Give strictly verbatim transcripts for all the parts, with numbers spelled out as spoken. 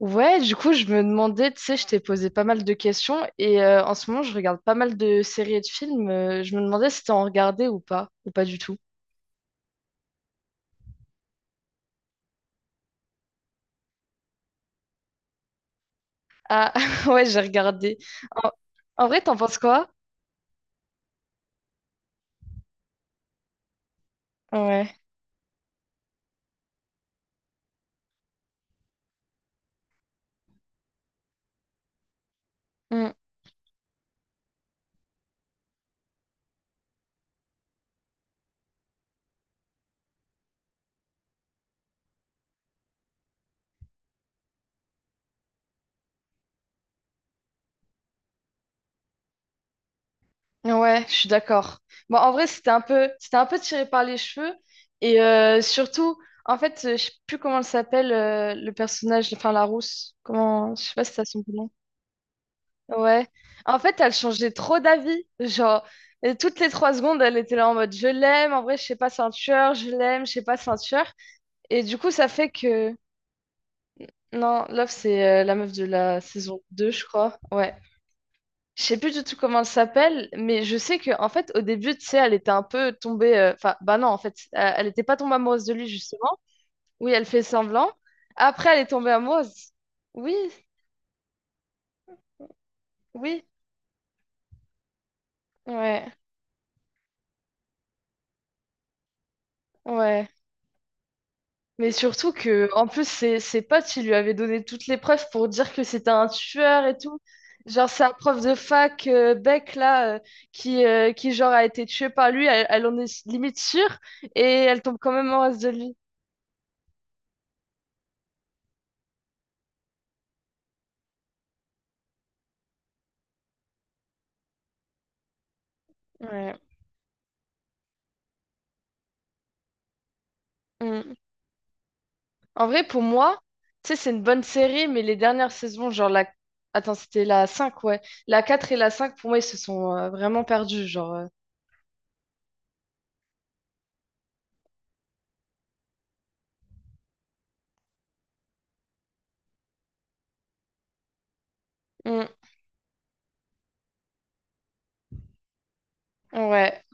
Ouais, du coup, je me demandais, tu sais, je t'ai posé pas mal de questions et euh, en ce moment, je regarde pas mal de séries et de films. Euh, je me demandais si t'en regardais ou pas, ou pas du tout. Ah, ouais, j'ai regardé. En, en vrai, t'en penses quoi? Ouais. Mm. Ouais, je suis d'accord. Bon, en vrai, c'était un peu, c'était un peu tiré par les cheveux et euh, surtout, en fait, euh, je sais plus comment elle s'appelle, euh, le personnage, enfin la rousse. Comment, je sais pas si ça son nom. Ouais. En fait, elle changeait trop d'avis. Genre, et toutes les trois secondes, elle était là en mode je l'aime, en vrai, je sais pas, c'est un tueur, je l'aime, je sais pas, c'est un tueur. Et du coup, ça fait que. Non, Love, c'est euh, la meuf de la saison deux je crois. Ouais. Je sais plus du tout comment elle s'appelle, mais je sais que en fait, au début, tu sais, elle était un peu tombée. euh, Enfin, bah non, en fait, euh, elle était pas tombée amoureuse de lui, justement. Oui, elle fait semblant. Après, elle est tombée amoureuse. Oui, oui. Ouais, ouais. Mais surtout que, en plus, ses, ses potes, ils lui avaient donné toutes les preuves pour dire que c'était un tueur et tout. Genre, sa prof de fac, euh, Beck, là, euh, qui, euh, qui, genre, a été tuée par lui, elle, elle en est limite sûre, et elle tombe quand même reste de lui. Ouais. Mm. En vrai, pour moi, tu sais, c'est une bonne série, mais les dernières saisons, genre, la... Attends, c'était la cinq ouais. La quatre et la cinq pour moi, ils se sont euh, vraiment perdus, genre. euh. Mm. Ouais.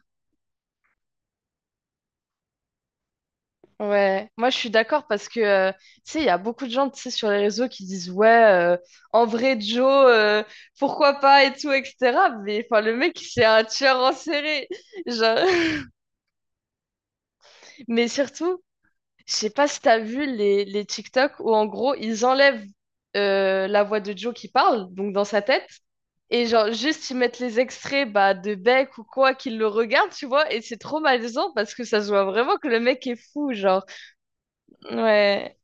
Ouais, moi je suis d'accord parce que euh, tu sais, il y a beaucoup de gens tu sais, sur les réseaux qui disent ouais, euh, en vrai Joe, euh, pourquoi pas et tout, et cetera. Mais enfin, le mec, c'est un tueur en série. Genre... Mais surtout, je sais pas si t'as vu les, les TikTok où en gros ils enlèvent euh, la voix de Joe qui parle, donc dans sa tête, et genre juste ils mettent les extraits bah, de Beck ou quoi qu'ils le regardent, tu vois, et c'est trop malaisant parce que ça se voit vraiment que le mec est fou, genre. Ouais.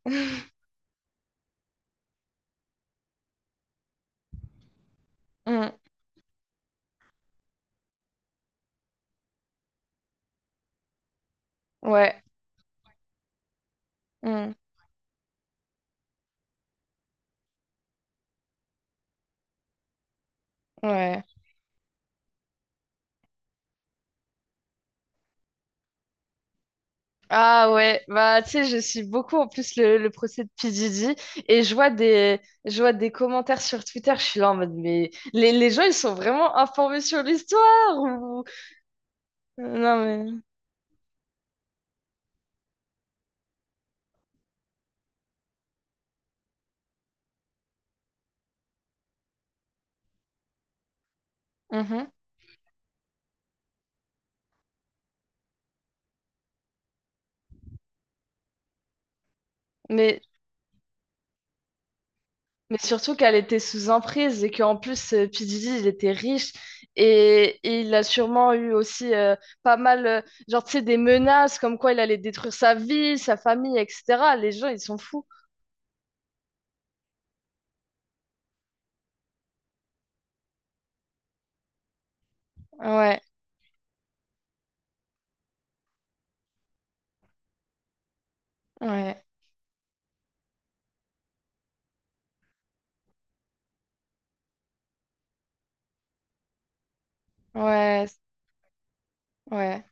Mm. Ouais. Hmm, ouais. Ah ouais, bah tu sais, je suis beaucoup en plus le, le procès de P. Diddy et je vois des, je vois des commentaires sur Twitter, je suis là en mode mais les, les gens ils sont vraiment informés sur l'histoire ou... Non mais... Mhm. Mais, mais surtout qu'elle était sous emprise et qu'en plus euh, P. Diddy il était riche et, et il a sûrement eu aussi euh, pas mal, euh, genre tu sais, des menaces comme quoi il allait détruire sa vie, sa famille, et cetera. Les gens ils sont fous. Ouais, ouais. Ouais, ouais.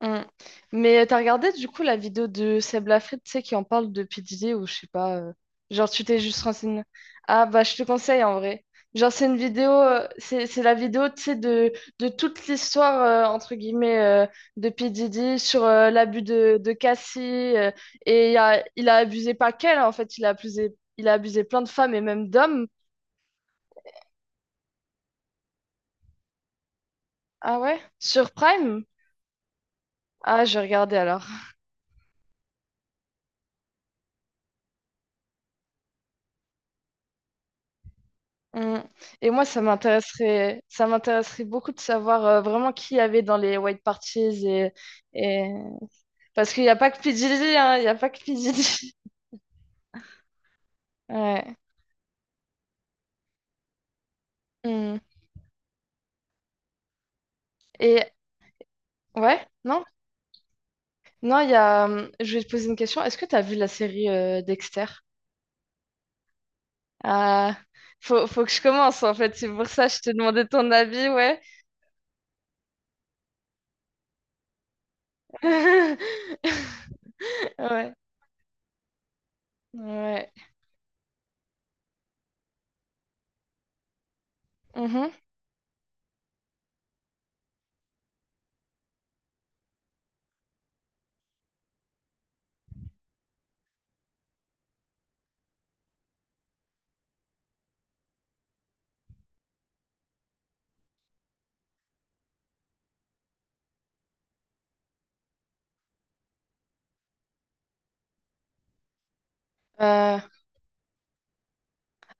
Mm. Mais t'as regardé du coup la vidéo de Seb Lafrite, tu sais, qui en parle de P. Diddy ou je sais pas. euh, Genre, tu t'es juste renseigné. Ah, bah, je te conseille en vrai. Genre, c'est une vidéo, euh, c'est c'est la vidéo, tu sais, de, de toute l'histoire, euh, entre guillemets, euh, de P. Diddy sur euh, l'abus de, de Cassie. Euh, et il a, il a abusé pas qu'elle, en fait, il a abusé, il a abusé plein de femmes et même d'hommes. Ah ouais? Sur Prime? Ah, j'ai regardé alors. Mm. Et moi, ça m'intéresserait, ça m'intéresserait beaucoup de savoir euh, vraiment qui y avait dans les white parties et, et... parce qu'il n'y a pas que P. Diddy, hein, il n'y a pas que P. Diddy. Ouais. Mm. Et ouais, non, non, il y a. hum, Je vais te poser une question. Est-ce que tu as vu la série euh, Dexter? Ah, faut, faut que je commence en fait. C'est pour ça que je te demandais ton avis, ouais. Ouais, ouais. Mhm. Euh,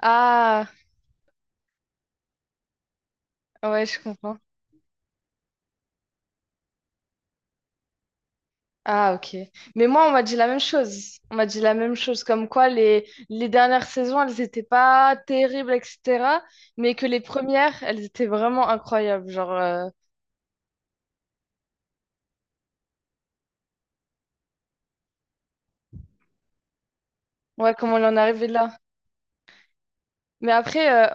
ah, ouais, je comprends. Ah, ok. Mais moi, on m'a dit la même chose. On m'a dit la même chose, comme quoi les, les dernières saisons, elles n'étaient pas terribles, et cetera. Mais que les premières, elles étaient vraiment incroyables. Genre, euh, ouais, comment on en est arrivé là. Mais après, euh,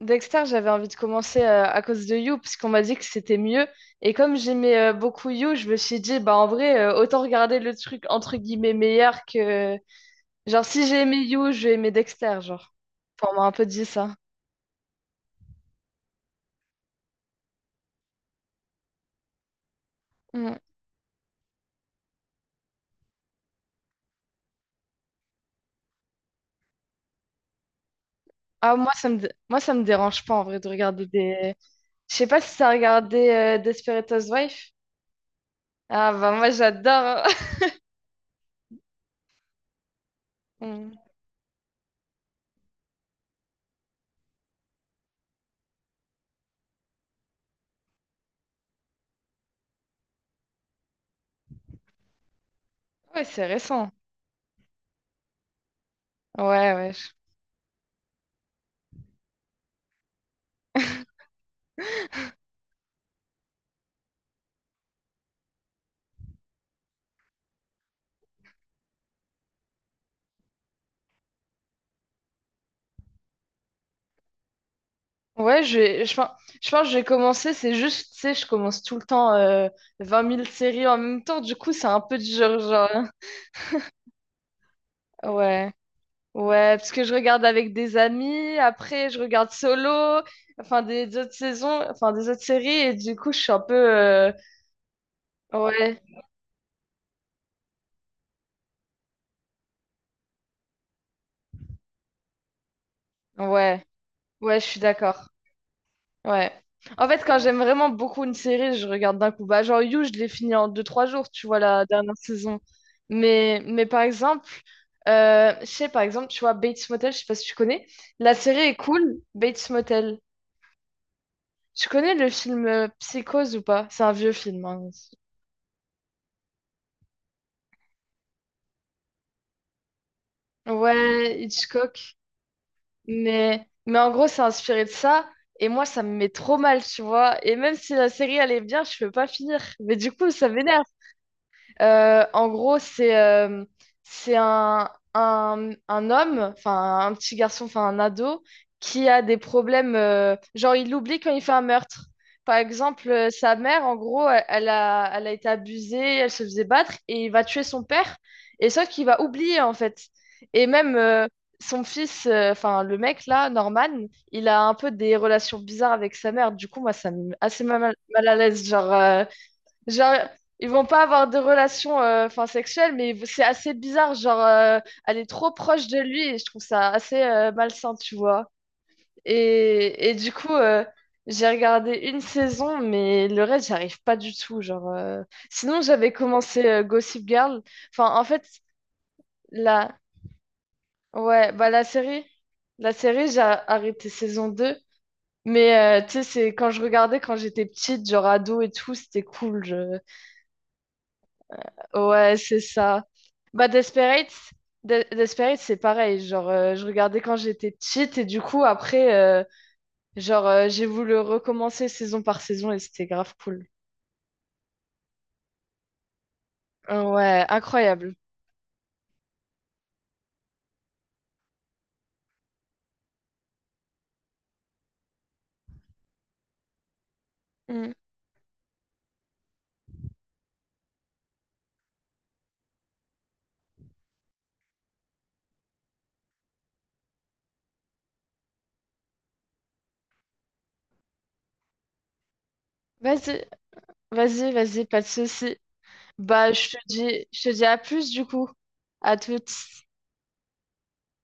Dexter, j'avais envie de commencer euh, à cause de You, parce qu'on m'a dit que c'était mieux. Et comme j'aimais euh, beaucoup You, je me suis dit, bah en vrai, euh, autant regarder le truc entre guillemets meilleur que... Genre, si j'ai aimé You, je vais aimer Dexter, genre. Enfin, on m'a un peu dit ça. Mm. Ah, moi, ça me, dé- moi, ça me dérange pas en vrai de regarder des. Je sais pas si t'as regardé euh, Desperate Housewives. Ah, bah, moi, j'adore. Hmm. Ouais, c'est récent. Ouais, ouais. je- Ouais, je vais- je, pense- je pense que j'ai commencé. C'est juste, tu sais, je commence tout le temps euh, vingt mille séries en même temps. Du coup, c'est un peu du genre, genre, hein. Ouais. Ouais, parce que je regarde avec des amis. Après, je regarde solo. Enfin, des autres saisons. Enfin, des autres séries. Et du coup, je suis un peu. euh, Ouais. Ouais. Ouais, je suis d'accord. Ouais. En fait, quand j'aime vraiment beaucoup une série, je regarde d'un coup. Bah, genre You, je l'ai fini en deux trois jours, tu vois, la dernière saison. Mais, mais par exemple, euh, je sais, par exemple, tu vois, Bates Motel, je sais pas si tu connais. La série est cool, Bates Motel. Tu connais le film euh, Psychose ou pas? C'est un vieux film. Hein. Ouais, Hitchcock. Mais, mais en gros, c'est inspiré de ça. Et moi, ça me met trop mal, tu vois. Et même si la série, elle est bien, je peux pas finir. Mais du coup, ça m'énerve. Euh, en gros, c'est euh, c'est un, un, un homme, enfin un petit garçon, enfin un ado, qui a des problèmes. Euh, genre, il l'oublie quand il fait un meurtre. Par exemple, euh, sa mère, en gros, elle, elle a, elle a été abusée, elle se faisait battre, et il va tuer son père, et sauf qu'il va oublier, en fait. Et même euh, son fils, euh, enfin le mec là, Norman, il a un peu des relations bizarres avec sa mère. Du coup, moi, ça me met assez mal, mal à l'aise. Genre, euh, genre, ils vont pas avoir de relation euh, enfin, sexuelle, mais c'est assez bizarre. Genre, euh, elle est trop proche de lui et je trouve ça assez euh, malsain, tu vois. Et, et du coup, euh, j'ai regardé une saison, mais le reste, j'arrive pas du tout. Genre, euh. Sinon, j'avais commencé euh, Gossip Girl. Enfin, en fait, la... Ouais, bah, la série, la série, j'ai arrêté saison deux. Mais euh, tu sais, c'est quand je regardais quand j'étais petite, genre ado et tout, c'était cool. je- Ouais, c'est ça. Bah, Desperate, De- Desperate, c'est pareil. Genre, euh, je regardais quand j'étais petite et du coup, après, euh, genre, euh, j'ai voulu recommencer saison par saison et c'était grave cool. Euh, ouais, incroyable. Mm. Vas-y, vas-y, vas-y, pas de souci. Bah, je te dis, je te dis à plus du coup. À toutes.